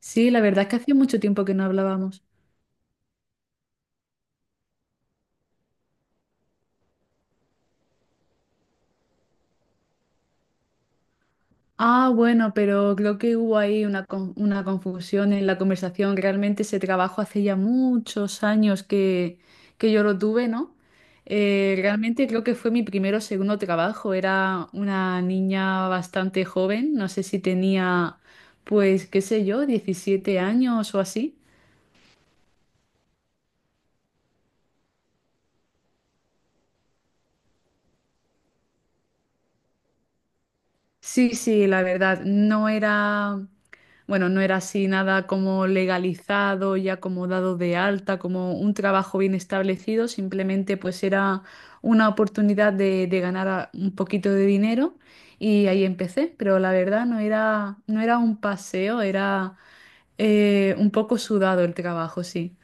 Sí, la verdad es que hacía mucho tiempo que no hablábamos. Bueno, pero creo que hubo ahí una confusión en la conversación. Realmente ese trabajo hace ya muchos años que yo lo tuve, ¿no? Realmente creo que fue mi primero o segundo trabajo. Era una niña bastante joven, no sé si pues, qué sé yo, 17 años o así. Sí, sí, bueno, no era así nada como legalizado y acomodado de alta, como un trabajo bien establecido, simplemente pues era una oportunidad de ganar un poquito de dinero y ahí empecé, pero la verdad no era un paseo, era un poco sudado el trabajo, sí.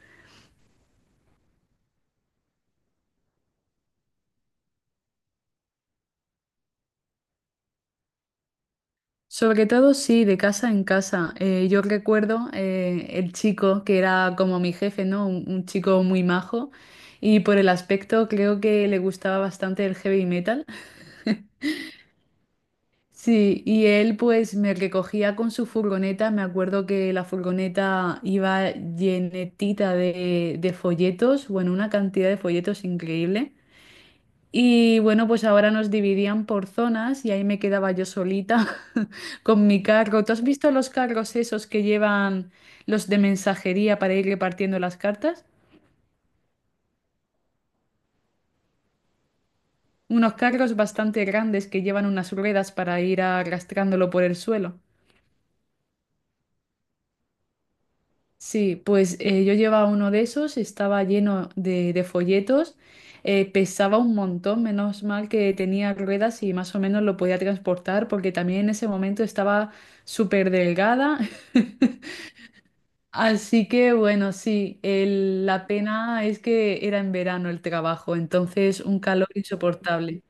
Sobre todo, sí, de casa en casa. Yo recuerdo el chico que era como mi jefe, ¿no? Un chico muy majo y por el aspecto creo que le gustaba bastante el heavy metal. Sí, y él pues me recogía con su furgoneta. Me acuerdo que la furgoneta iba llenetita de folletos, bueno, una cantidad de folletos increíble. Y bueno, pues ahora nos dividían por zonas y ahí me quedaba yo solita con mi carro. ¿Tú has visto los carros esos que llevan los de mensajería para ir repartiendo las cartas? Unos carros bastante grandes que llevan unas ruedas para ir arrastrándolo por el suelo. Sí, pues yo llevaba uno de esos, estaba lleno de folletos, pesaba un montón, menos mal que tenía ruedas y más o menos lo podía transportar porque también en ese momento estaba súper delgada. Así que bueno, sí, la pena es que era en verano el trabajo, entonces un calor insoportable.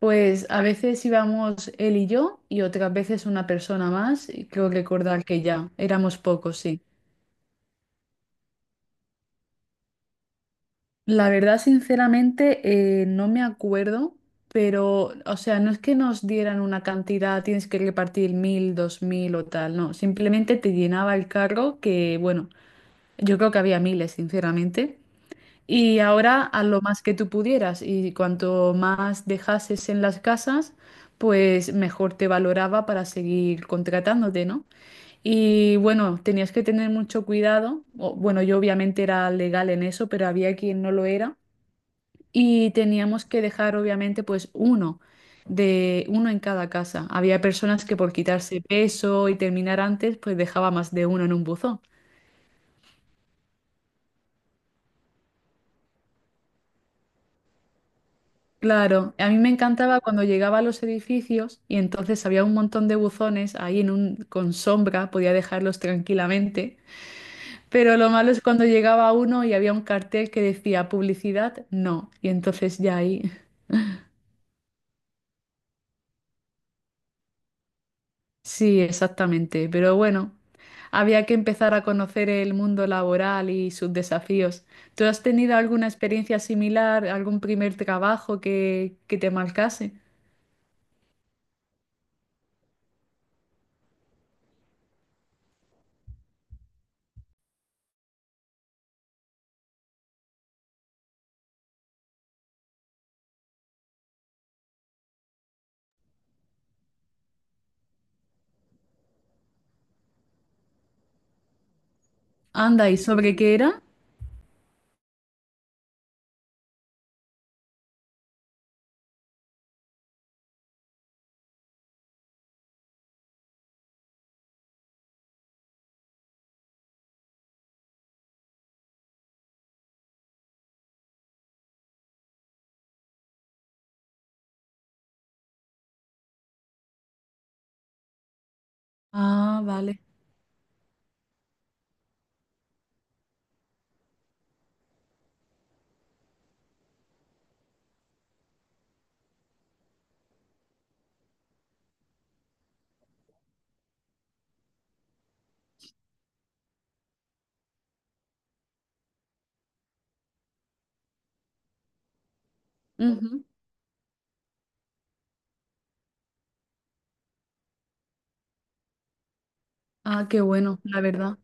Pues a veces íbamos él y yo y otras veces una persona más, y creo recordar que ya éramos pocos, sí. La verdad, sinceramente, no me acuerdo, pero, o sea, no es que nos dieran una cantidad, tienes que repartir mil, dos mil o tal, no, simplemente te llenaba el carro que, bueno, yo creo que había miles, sinceramente. Y ahora a lo más que tú pudieras y cuanto más dejases en las casas, pues mejor te valoraba para seguir contratándote, ¿no? Y bueno, tenías que tener mucho cuidado. Bueno, yo obviamente era legal en eso, pero había quien no lo era. Y teníamos que dejar obviamente pues uno de uno en cada casa. Había personas que por quitarse peso y terminar antes, pues dejaba más de uno en un buzón. Claro, a mí me encantaba cuando llegaba a los edificios y entonces había un montón de buzones ahí en un, con sombra, podía dejarlos tranquilamente, pero lo malo es cuando llegaba uno y había un cartel que decía publicidad, no, y entonces ya ahí, sí, exactamente, pero bueno, había que empezar a conocer el mundo laboral y sus desafíos. ¿Tú has tenido alguna experiencia similar, algún primer trabajo que te marcase? Anda, ¿y sobre qué era? Ah, vale. Ujú. Ah, qué bueno, la verdad.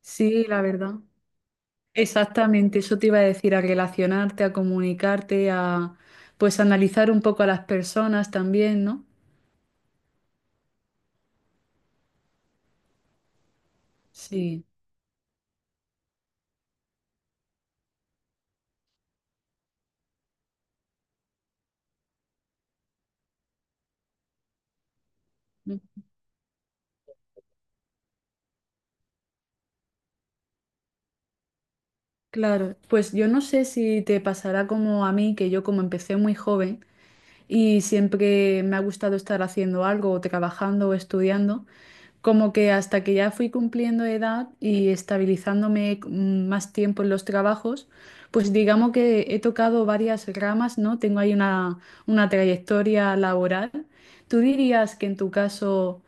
Sí, la verdad. Exactamente, eso te iba a decir, a relacionarte, a comunicarte, a pues analizar un poco a las personas también, ¿no? Sí, mm, claro. Pues yo no sé si te pasará como a mí, que yo como empecé muy joven y siempre me ha gustado estar haciendo algo, o trabajando o estudiando. Como que hasta que ya fui cumpliendo edad y estabilizándome más tiempo en los trabajos, pues digamos que he tocado varias ramas, ¿no? Tengo ahí una trayectoria laboral. ¿Tú dirías que en tu caso,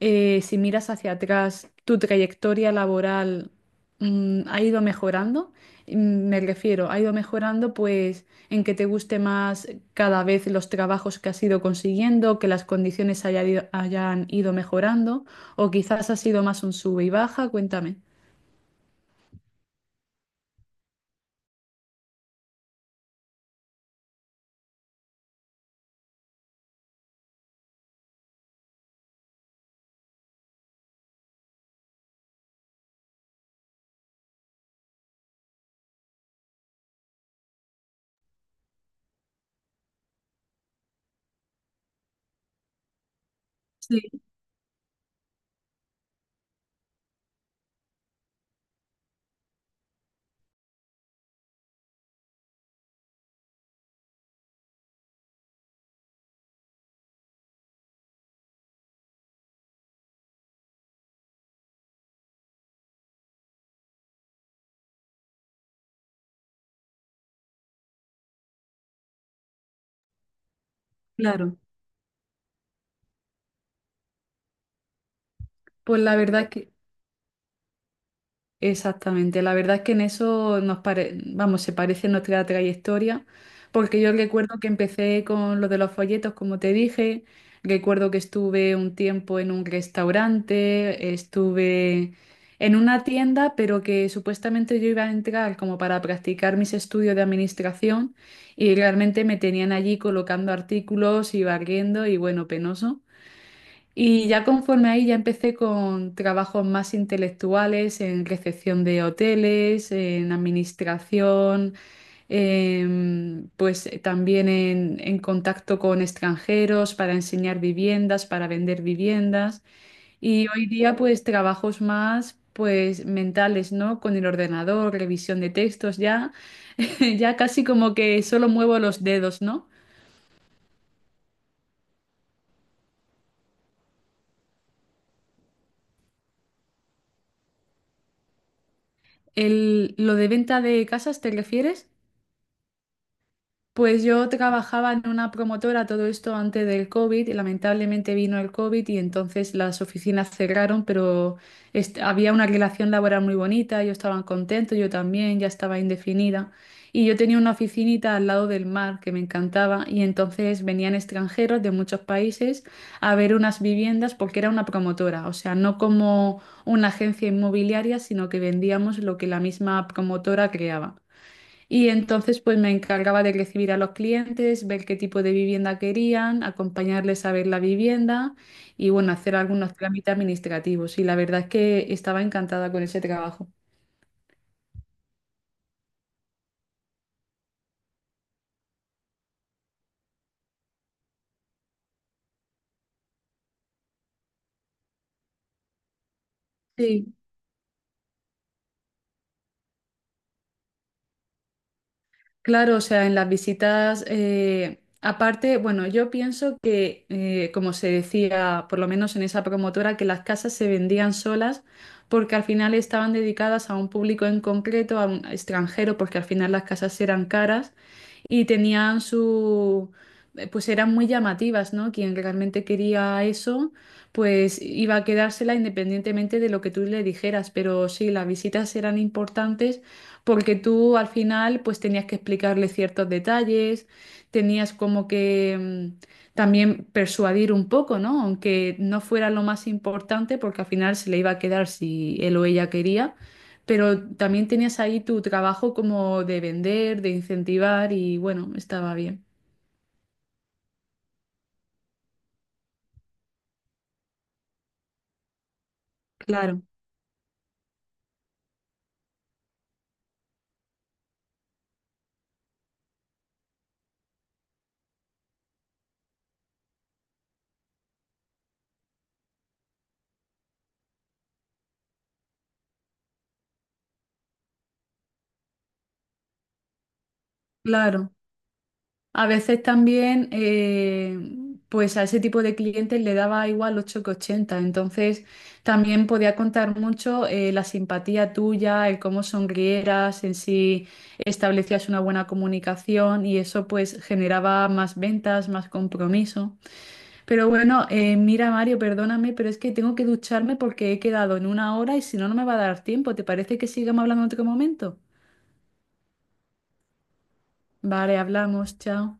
si miras hacia atrás, tu trayectoria laboral, ha ido mejorando? Me refiero, ha ido mejorando pues en que te guste más cada vez los trabajos que has ido consiguiendo, que las condiciones hayan ido mejorando, o quizás ha sido más un sube y baja, cuéntame. Sí, claro. Pues la verdad exactamente, la verdad es que en eso vamos, se parece nuestra trayectoria, porque yo recuerdo que empecé con lo de los folletos, como te dije, recuerdo que estuve un tiempo en un restaurante, estuve en una tienda, pero que supuestamente yo iba a entrar como para practicar mis estudios de administración y realmente me tenían allí colocando artículos y barriendo y bueno, penoso. Y ya conforme ahí ya empecé con trabajos más intelectuales en recepción de hoteles, en administración, pues también en contacto con extranjeros para enseñar viviendas, para vender viviendas. Y hoy día pues trabajos más pues mentales, ¿no? Con el ordenador, revisión de textos, ya, ya casi como que solo muevo los dedos, ¿no? El, ¿lo de venta de casas te refieres? Pues yo trabajaba en una promotora todo esto antes del COVID y lamentablemente vino el COVID y entonces las oficinas cerraron, pero había una relación laboral muy bonita, ellos estaban contentos, yo también, ya estaba indefinida. Y yo tenía una oficinita al lado del mar que me encantaba y entonces venían extranjeros de muchos países a ver unas viviendas porque era una promotora, o sea, no como una agencia inmobiliaria, sino que vendíamos lo que la misma promotora creaba. Y entonces pues me encargaba de recibir a los clientes, ver qué tipo de vivienda querían, acompañarles a ver la vivienda y bueno, hacer algunos trámites administrativos. Y la verdad es que estaba encantada con ese trabajo. Sí. Claro, o sea, en las visitas, aparte, bueno, yo pienso que, como se decía, por lo menos en esa promotora, que las casas se vendían solas porque al final estaban dedicadas a un público en concreto, a un extranjero, porque al final las casas eran caras y tenían su, pues eran muy llamativas, ¿no? Quien realmente quería eso, pues iba a quedársela independientemente de lo que tú le dijeras, pero sí, las visitas eran importantes porque tú al final pues tenías que explicarle ciertos detalles, tenías como que también persuadir un poco, ¿no? Aunque no fuera lo más importante porque al final se le iba a quedar si él o ella quería, pero también tenías ahí tu trabajo como de vender, de incentivar y bueno, estaba bien. Claro, claro. A veces también, pues a ese tipo de clientes le daba igual 8 que 80. Entonces, también podía contar mucho la simpatía tuya, el cómo sonrieras, en si establecías una buena comunicación y eso pues generaba más ventas, más compromiso. Pero bueno, mira Mario, perdóname, pero es que tengo que ducharme porque he quedado en una hora y si no, no me va a dar tiempo. ¿Te parece que sigamos hablando en otro momento? Vale, hablamos, chao.